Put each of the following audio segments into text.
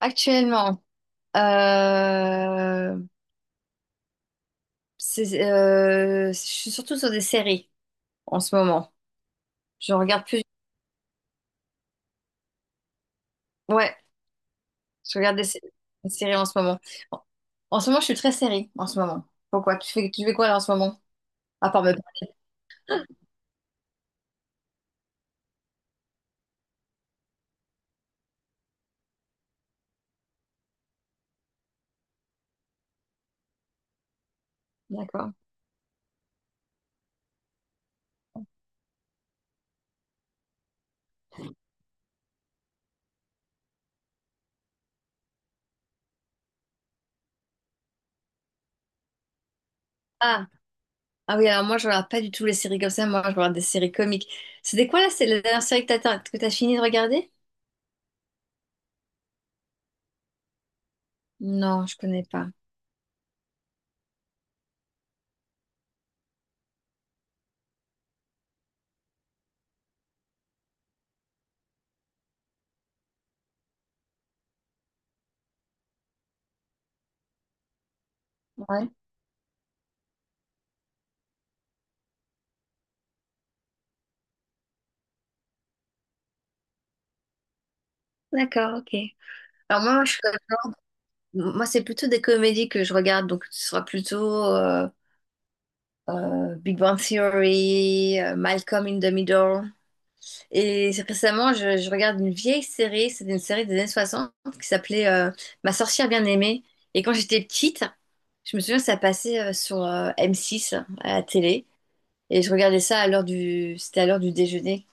Actuellement, euh, je suis surtout sur des séries en ce moment. Je regarde plus. Ouais, je regarde des séries en ce moment. En, en ce moment, je suis très série en ce moment. Pourquoi? Tu fais quoi là en ce moment? À part me parler, d'accord. Ah, ah oui, alors moi, je regarde pas du tout les séries comme ça. Moi, je regarde des séries comiques. C'était quoi là? C'est la dernière série que t'as fini de regarder? Non, je connais pas. Ouais. D'accord, ok. Alors moi, c'est plutôt des comédies que je regarde, donc ce sera plutôt Big Bang Theory, Malcolm in the Middle. Et récemment, je regarde une vieille série, c'était une série des années 60 qui s'appelait Ma sorcière bien-aimée. Et quand j'étais petite, je me souviens que ça passait sur M6 à la télé. Et je regardais ça C'était à l'heure du déjeuner.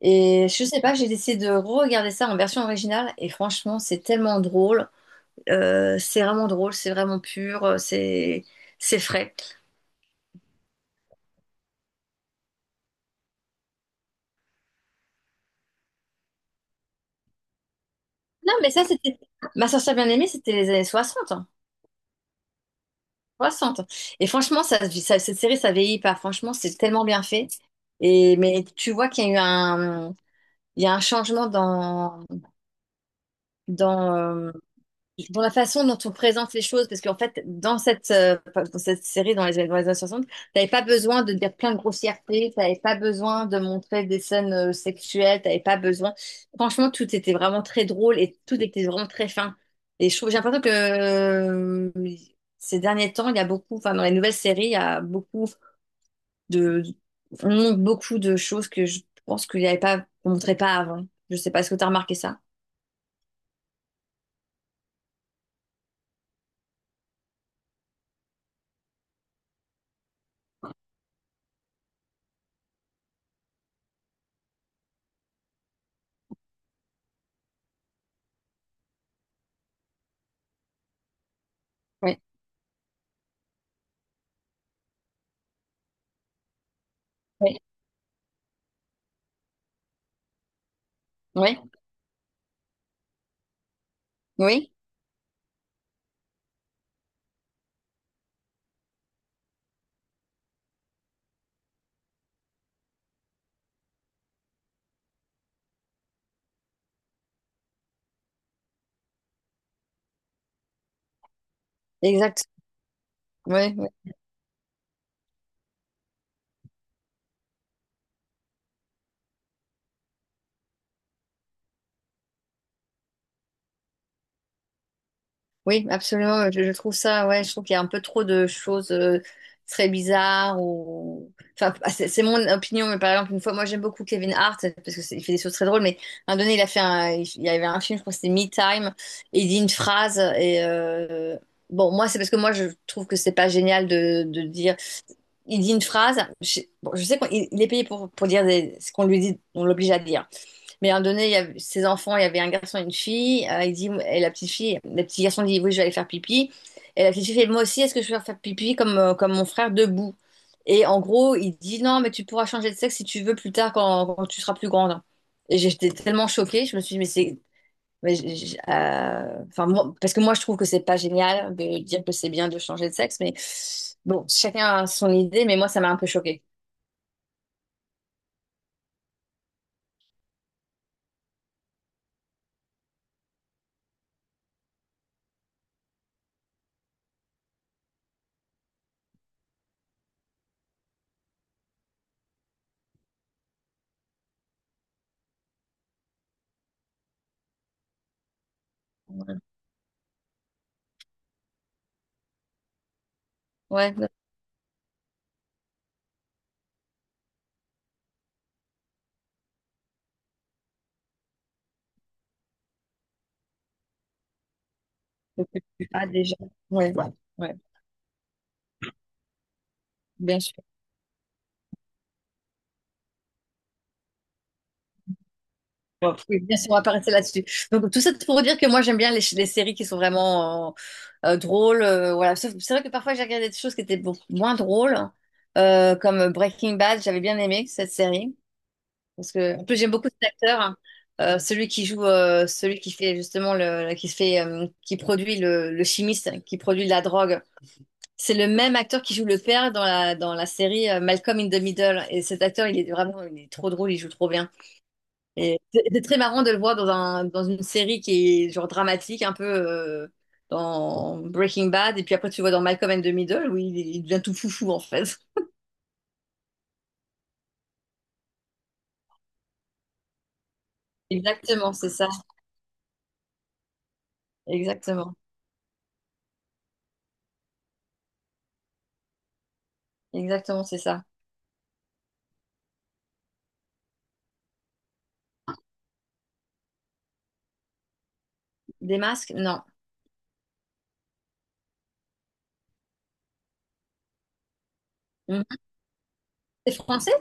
Et je sais pas, j'ai décidé de re-regarder ça en version originale. Et franchement, c'est tellement drôle. C'est vraiment drôle, c'est vraiment pur, c'est frais. Non, mais Ma sorcière bien-aimée, c'était les années 60, hein, 60. Et franchement, cette série, ça vieillit pas. Franchement, c'est tellement bien fait. Et mais tu vois qu'il y a eu un... Il y a un changement dans, euh, dans la façon dont on présente les choses, parce qu'en fait, dans cette série, dans les années 60, t'avais pas besoin de dire plein de grossièretés, t'avais pas besoin de montrer des scènes sexuelles, t'avais pas besoin. Franchement, tout était vraiment très drôle et tout était vraiment très fin. Et je trouve, j'ai l'impression que ces derniers temps, il y a beaucoup, enfin, dans les nouvelles séries, il y a de, on montre beaucoup de choses que je pense qu'il y avait pas, qu'on montrait pas avant. Je sais pas, est-ce que t'as remarqué ça? Oui, oui, oui, oui. Exact. Ouais, ouais. Oui, absolument. Je trouve ça, ouais, je trouve qu'il y a un peu trop de choses très bizarres ou, enfin, ah, c'est mon opinion, mais par exemple, une fois, moi j'aime beaucoup Kevin Hart parce que il fait des choses très drôles, mais à un moment donné, il y avait un film, je crois que c'était Me Time, et il dit une phrase et bon, moi c'est parce que moi je trouve que c'est pas génial de dire, il dit une phrase, je, bon, je sais qu'il est payé pour dire ce qu'on lui dit, on l'oblige à dire. Mais à un moment donné, il y avait ses enfants, il y avait un garçon et une fille. Il dit, et la petite fille, le petit garçon dit, oui, je vais aller faire pipi. Et la petite fille fait, moi aussi, est-ce que je vais faire pipi comme mon frère debout? Et en gros, il dit, non, mais tu pourras changer de sexe si tu veux plus tard quand tu seras plus grande. Et j'étais tellement choquée, je me suis dit, mais c'est. Mais enfin, parce que moi, je trouve que c'est pas génial de dire que c'est bien de changer de sexe, mais bon, chacun a son idée, mais moi, ça m'a un peu choquée. Ouais, non, je peux plus. Ah déjà, ouais, ouais, ouais, bien sûr. Ouais, oui, bien sûr, on va pas rester là-dessus. Donc, tout ça pour dire que moi, j'aime bien les séries qui sont vraiment drôles. Voilà. C'est vrai que parfois, j'ai regardé des choses qui étaient beaucoup moins drôles, comme Breaking Bad. J'avais bien aimé cette série. Parce que, en plus, j'aime beaucoup cet acteur, hein. Celui qui joue, celui qui fait justement qui fait, qui produit le chimiste, qui produit de la drogue. C'est le même acteur qui joue le père dans la série, Malcolm in the Middle. Et cet acteur, il est vraiment, il est trop drôle, il joue trop bien. Et c'est très marrant de le voir dans une série qui est genre dramatique, un peu dans Breaking Bad, et puis après tu le vois dans Malcolm and the Middle où il devient tout foufou en fait. Exactement, c'est ça. Exactement. Exactement, c'est ça. Des masques? Non. Mhm. C'est français?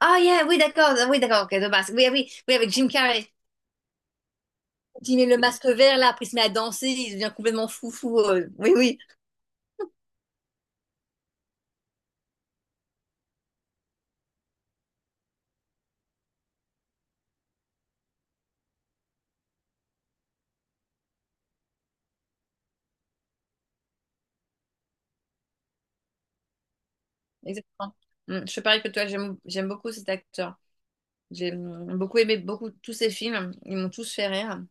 Ah, yeah, oui, d'accord. Ah, oui, d'accord, ok, de masque. Oui, oui, oui, avec Jim Carrey. Quand il met le masque vert là, après il se met à danser, il devient complètement foufou. Oui, oui, exactement. Je suis pareil que toi, j'aime beaucoup cet acteur. J'ai beaucoup aimé beaucoup tous ces films. Ils m'ont tous fait rire.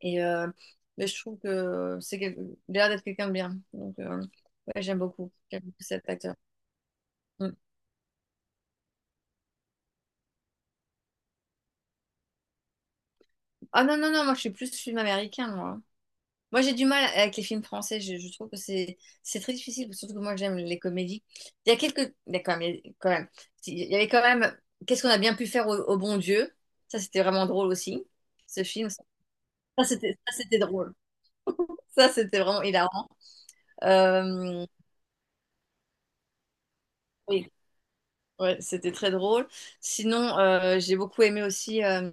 Et euh, mais je trouve que il a l'air d'être quelqu'un de bien. Donc, ouais, j'aime beaucoup. J'aime beaucoup cet acteur. Mm. Ah non, non, non, moi je suis plus film américain, moi. Moi j'ai du mal avec les films français. Je trouve que c'est très difficile, surtout que moi j'aime les comédies. Il y a quelques. Il y a quand même. Quand même. Si, il y avait quand même. Qu'est-ce qu'on a bien pu faire au bon Dieu? Ça, c'était vraiment drôle aussi. Ce film. Ça, c'était drôle. Ça, c'était vraiment hilarant. Euh, oui. Ouais, c'était très drôle. Sinon, j'ai beaucoup aimé aussi euh,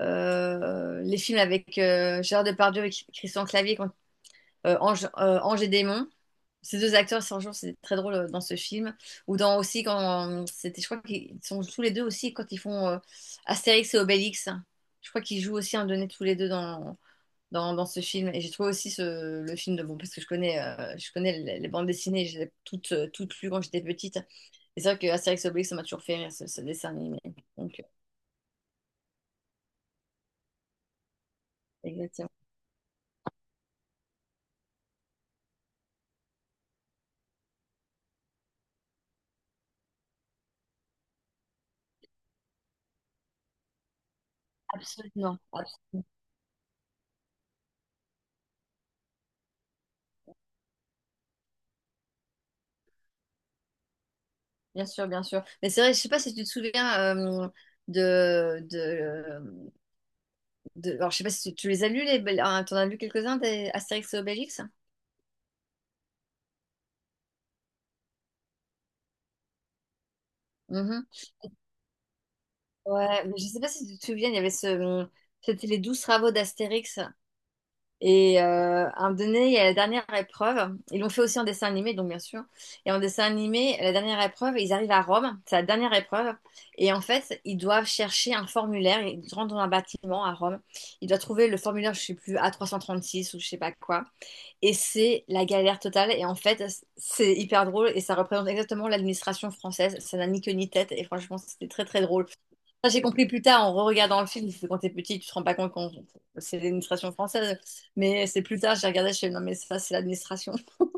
euh, les films avec Gérard Depardieu et Christian Clavier, Ange et Démon. Ces deux acteurs, c'est jour, c'était très drôle dans ce film. Ou dans aussi quand c'était, je crois qu'ils sont tous les deux aussi quand ils font Astérix et Obélix. Je crois qu'ils jouent aussi un donné tous les deux dans ce film. Et j'ai trouvé aussi le film de bon parce que je connais les bandes dessinées, je les ai toutes, toutes lues quand j'étais petite. C'est sûr que Astérix et Obélix, ça m'a toujours fait rire, ce dessin animé. Donc, exactement. Absolument. Bien sûr, bien sûr. Mais c'est vrai, je sais pas si tu te souviens de, de, alors, je sais pas si tu les as lus, t'en as lu quelques-uns des Astérix et Obélix? Mhm. Ouais, mais je sais pas si tu te souviens, il y avait ce... C'était les douze travaux d'Astérix. À un moment donné, il y a la dernière épreuve. Ils l'ont fait aussi en dessin animé, donc bien sûr. Et en dessin animé, la dernière épreuve, ils arrivent à Rome. C'est la dernière épreuve. Et en fait, ils doivent chercher un formulaire. Ils rentrent dans un bâtiment à Rome. Ils doivent trouver le formulaire, je sais plus, A336 ou je sais pas quoi. Et c'est la galère totale. Et en fait, c'est hyper drôle et ça représente exactement l'administration française. Ça n'a ni queue ni tête. Et franchement, c'était très très drôle. Ça, j'ai compris plus tard en re-regardant le film, parce que quand t'es petit, tu te rends pas compte qu'on c'est l'administration française. Mais c'est plus tard, j'ai regardé, je fais non, mais ça, c'est l'administration.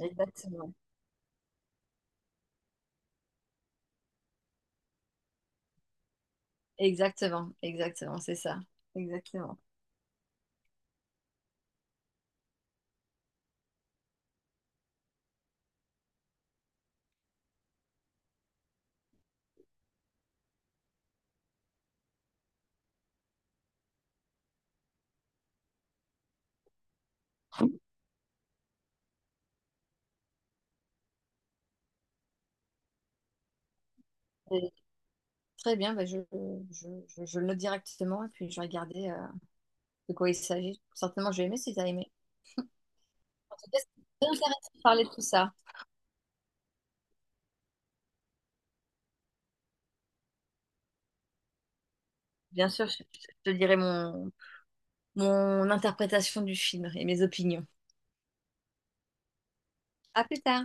Exactement. Exactement, exactement, c'est ça. Exactement. Et très bien, bah, je le note directement et puis je vais regarder de quoi il s'agit. Certainement, je vais aimer si tu as aimé. En tout cas, c'est très intéressant de parler de tout ça. Bien sûr, je te dirai mon interprétation du film et mes opinions. À plus tard.